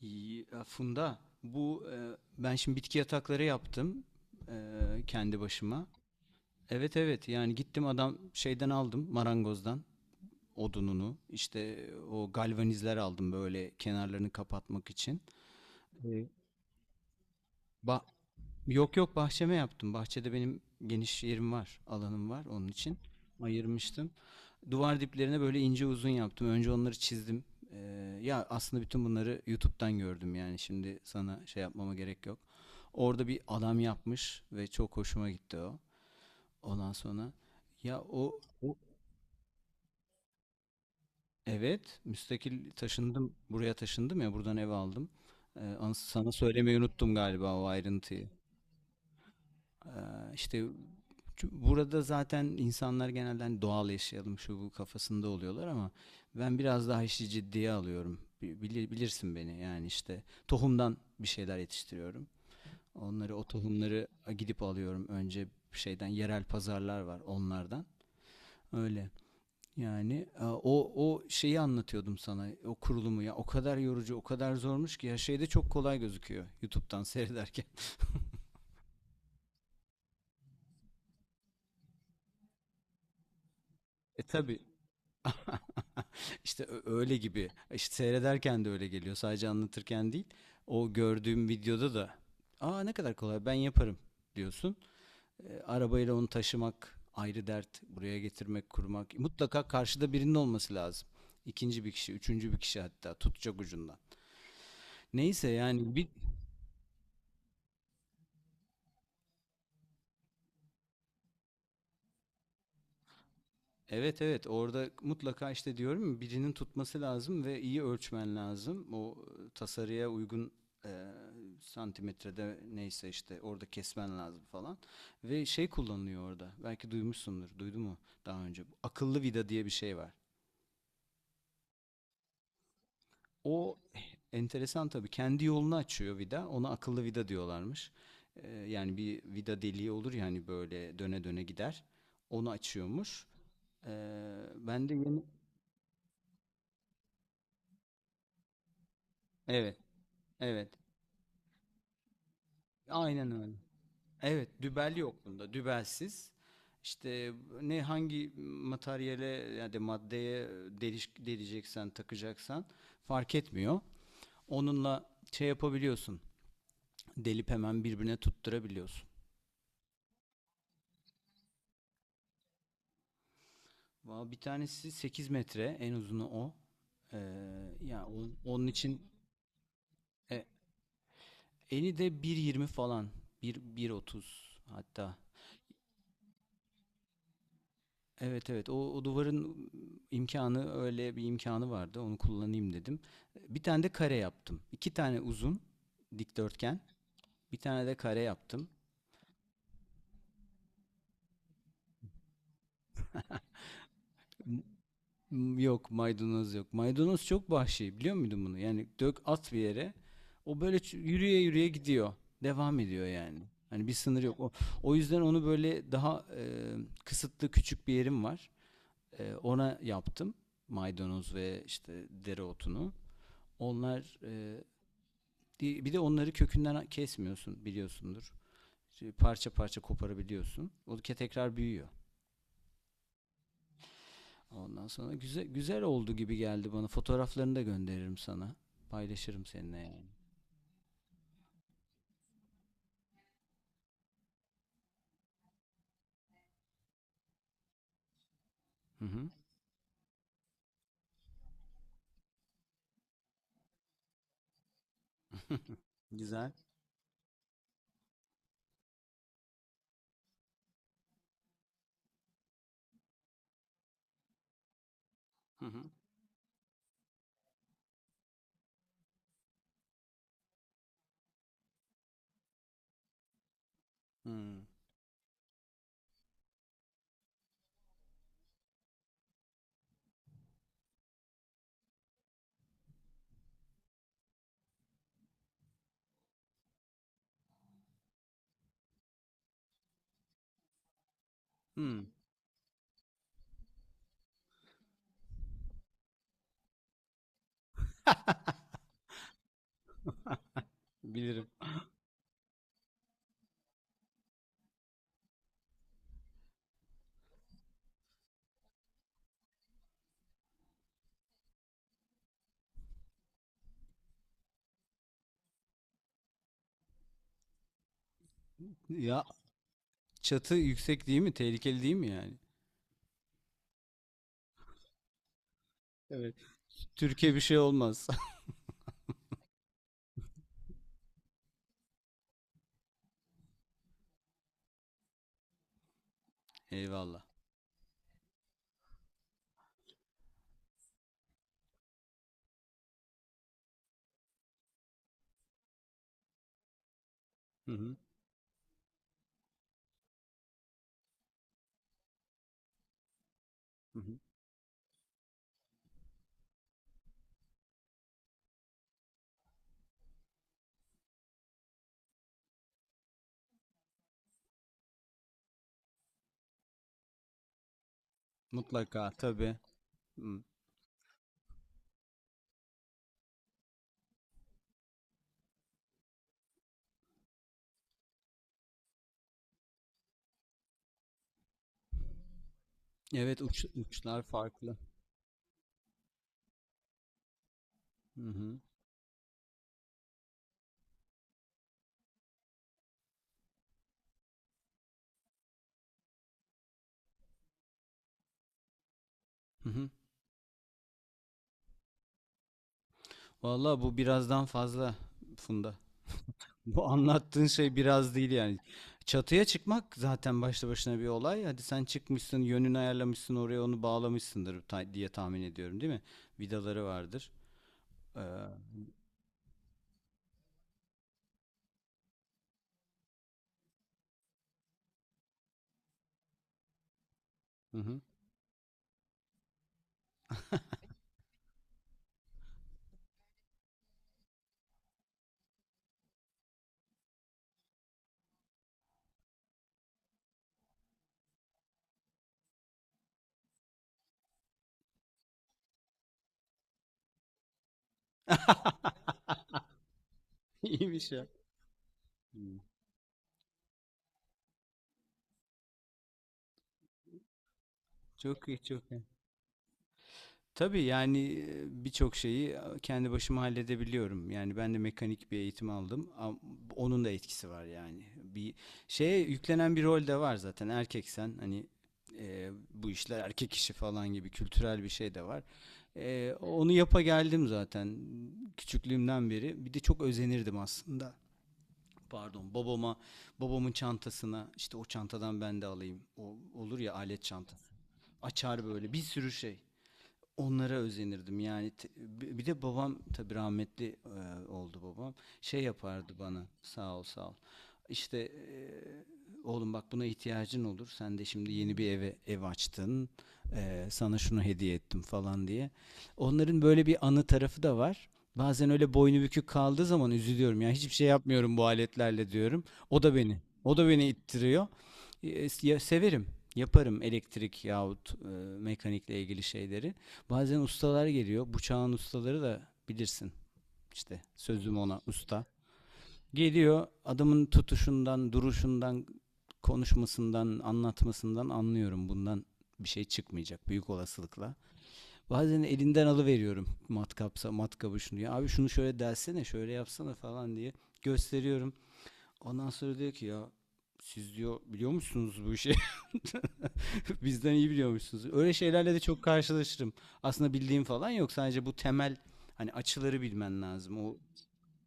İyi, Funda, ben şimdi bitki yatakları yaptım e, kendi başıma. Evet, evet yani gittim adam şeyden aldım marangozdan odununu, işte o galvanizler aldım böyle kenarlarını kapatmak için. Ee, Ba Yok, yok, bahçeme yaptım. Bahçede benim geniş yerim var, alanım var onun için. Ayırmıştım. Duvar diplerine böyle ince uzun yaptım. Önce onları çizdim. Ee, Ya aslında bütün bunları YouTube'dan gördüm, yani şimdi sana şey yapmama gerek yok. Orada bir adam yapmış ve çok hoşuma gitti o. Ondan sonra ya o, o evet müstakil taşındım, buraya taşındım ya, buradan ev aldım. Sana söylemeyi unuttum galiba o ayrıntıyı. İşte burada zaten insanlar genelde hani doğal yaşayalım şu bu kafasında oluyorlar ama ben biraz daha işi ciddiye alıyorum. Bilirsin beni, yani işte tohumdan bir şeyler yetiştiriyorum. Onları, o tohumları gidip alıyorum önce şeyden, yerel pazarlar var onlardan. Öyle. Yani o şeyi anlatıyordum sana. O kurulumu ya, o kadar yorucu, o kadar zormuş ki ya, şeyde çok kolay gözüküyor YouTube'dan seyrederken. Tabii. İşte öyle gibi. İşte seyrederken de öyle geliyor. Sadece anlatırken değil. O gördüğüm videoda da, "Aa, ne kadar kolay, ben yaparım," diyorsun. Arabayla onu taşımak ayrı dert. Buraya getirmek, kurmak. Mutlaka karşıda birinin olması lazım. İkinci bir kişi, üçüncü bir kişi hatta, tutacak ucundan. Neyse yani bir, Evet, evet, orada mutlaka işte diyorum ya, birinin tutması lazım ve iyi ölçmen lazım. O tasarıya uygun e, santimetrede neyse işte orada kesmen lazım falan. Ve şey kullanılıyor orada. Belki duymuşsundur. Duydu mu daha önce? Bu akıllı vida diye bir şey var. O enteresan tabii. Kendi yolunu açıyor vida. Ona akıllı vida diyorlarmış. Yani bir vida deliği olur ya hani, böyle döne döne gider. Onu açıyormuş. E, Ben de yeni... Evet. Evet. Aynen öyle. Evet, dübel yok bunda. Dübelsiz. İşte hangi materyale, yani de maddeye deleceksen, takacaksan fark etmiyor. Onunla şey yapabiliyorsun. Delip hemen birbirine tutturabiliyorsun. Valla bir tanesi 8 metre, en uzunu o. Ee, Yani onun için e, eni de bir yirmi falan. Bir 1,30 hatta. Evet, evet, o duvarın imkanı, öyle bir imkanı vardı, onu kullanayım dedim. Bir tane de kare yaptım. İki tane uzun dikdörtgen, bir tane de kare yaptım. M- Yok, maydanoz yok. Maydanoz çok vahşi, biliyor muydun bunu? Yani dök at bir yere, o böyle yürüye yürüye gidiyor. Devam ediyor yani. Hani bir sınır yok. O yüzden onu böyle daha kısıtlı, küçük bir yerim var. Ona yaptım maydanoz ve işte dereotunu. Onlar. Bir de onları kökünden kesmiyorsun, biliyorsundur. İşte parça parça koparabiliyorsun. O tekrar büyüyor. Ondan sonra güzel güzel oldu gibi geldi bana. Fotoğraflarını da gönderirim sana. Paylaşırım seninle yani. Hı hı. Güzel. Hı hı. Hı. Hı. Bilirim. Ya, çatı yüksek değil mi? Tehlikeli değil mi yani? Evet. Türkiye bir şey olmaz. Eyvallah. Hı hı. Hı hı. Mutlaka tabii. Hı. Evet, uçlar farklı. Hı hı. Hı hı. Vallahi bu birazdan fazla, Funda. Bu anlattığın şey biraz değil yani. Çatıya çıkmak zaten başlı başına bir olay. Hadi sen çıkmışsın, yönünü ayarlamışsın, oraya onu bağlamışsındır diye tahmin ediyorum, değil mi? Vidaları vardır. Hı hı. İyiymiş ya. Hı. Çok iyi, çok iyi. Tabii yani birçok şeyi kendi başıma halledebiliyorum. Yani ben de mekanik bir eğitim aldım. Onun da etkisi var yani. Bir şeye yüklenen bir rol de var zaten. Erkeksen hani, bu işler erkek işi falan gibi kültürel bir şey de var. Onu yapa geldim zaten küçüklüğümden beri. Bir de çok özenirdim aslında. Pardon, babama, babamın çantasına, işte o çantadan ben de alayım. O olur ya, alet çanta. Açar böyle bir sürü şey. Onlara özenirdim yani bir de babam, tabii rahmetli oldu babam, şey yapardı bana, sağ ol sağ ol, işte oğlum bak, buna ihtiyacın olur, sen de şimdi yeni bir eve ev açtın, sana şunu hediye ettim falan diye. Onların böyle bir anı tarafı da var. Bazen öyle boynu bükük kaldığı zaman üzülüyorum yani, hiçbir şey yapmıyorum bu aletlerle diyorum. O da beni o da beni ittiriyor. Ya severim, yaparım elektrik yahut mekanikle ilgili şeyleri. Bazen ustalar geliyor. Bu çağın ustaları, da bilirsin. İşte sözüm ona usta. Geliyor, adamın tutuşundan, duruşundan, konuşmasından, anlatmasından anlıyorum. Bundan bir şey çıkmayacak büyük olasılıkla. Bazen elinden alıveriyorum matkapsa matkabı, şunu, "Ya abi, şunu şöyle dersene, şöyle yapsana," falan diye gösteriyorum. Ondan sonra diyor ki, "Ya siz, diyor, biliyor musunuz bu işi?" Bizden iyi biliyormuşsunuz. Öyle şeylerle de çok karşılaşırım. Aslında bildiğim falan yok. Sadece bu temel, hani açıları bilmen lazım. O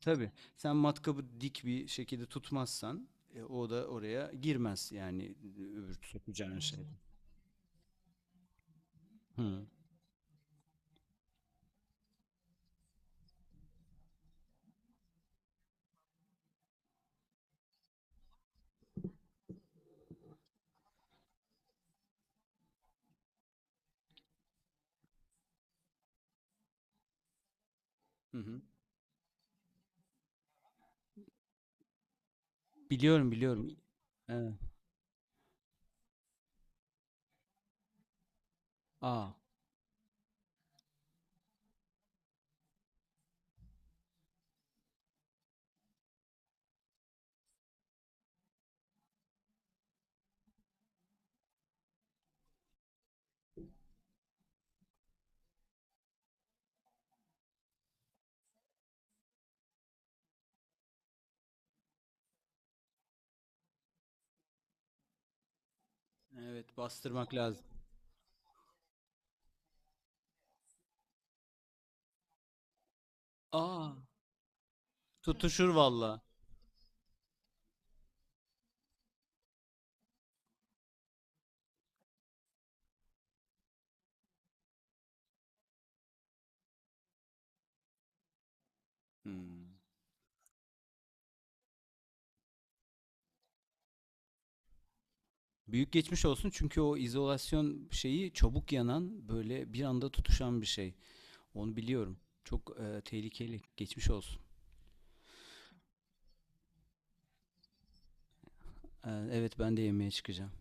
tabii, sen matkabı dik bir şekilde tutmazsan o da oraya girmez yani, öbür sokacağın şey. Hı. Hı hı. Biliyorum, biliyorum. Evet. Aa. Evet, bastırmak lazım. Aa. Tutuşur valla. Hmm. Büyük geçmiş olsun, çünkü o izolasyon şeyi çabuk yanan, böyle bir anda tutuşan bir şey. Onu biliyorum. Çok tehlikeli. Geçmiş olsun. Evet, ben de yemeğe çıkacağım.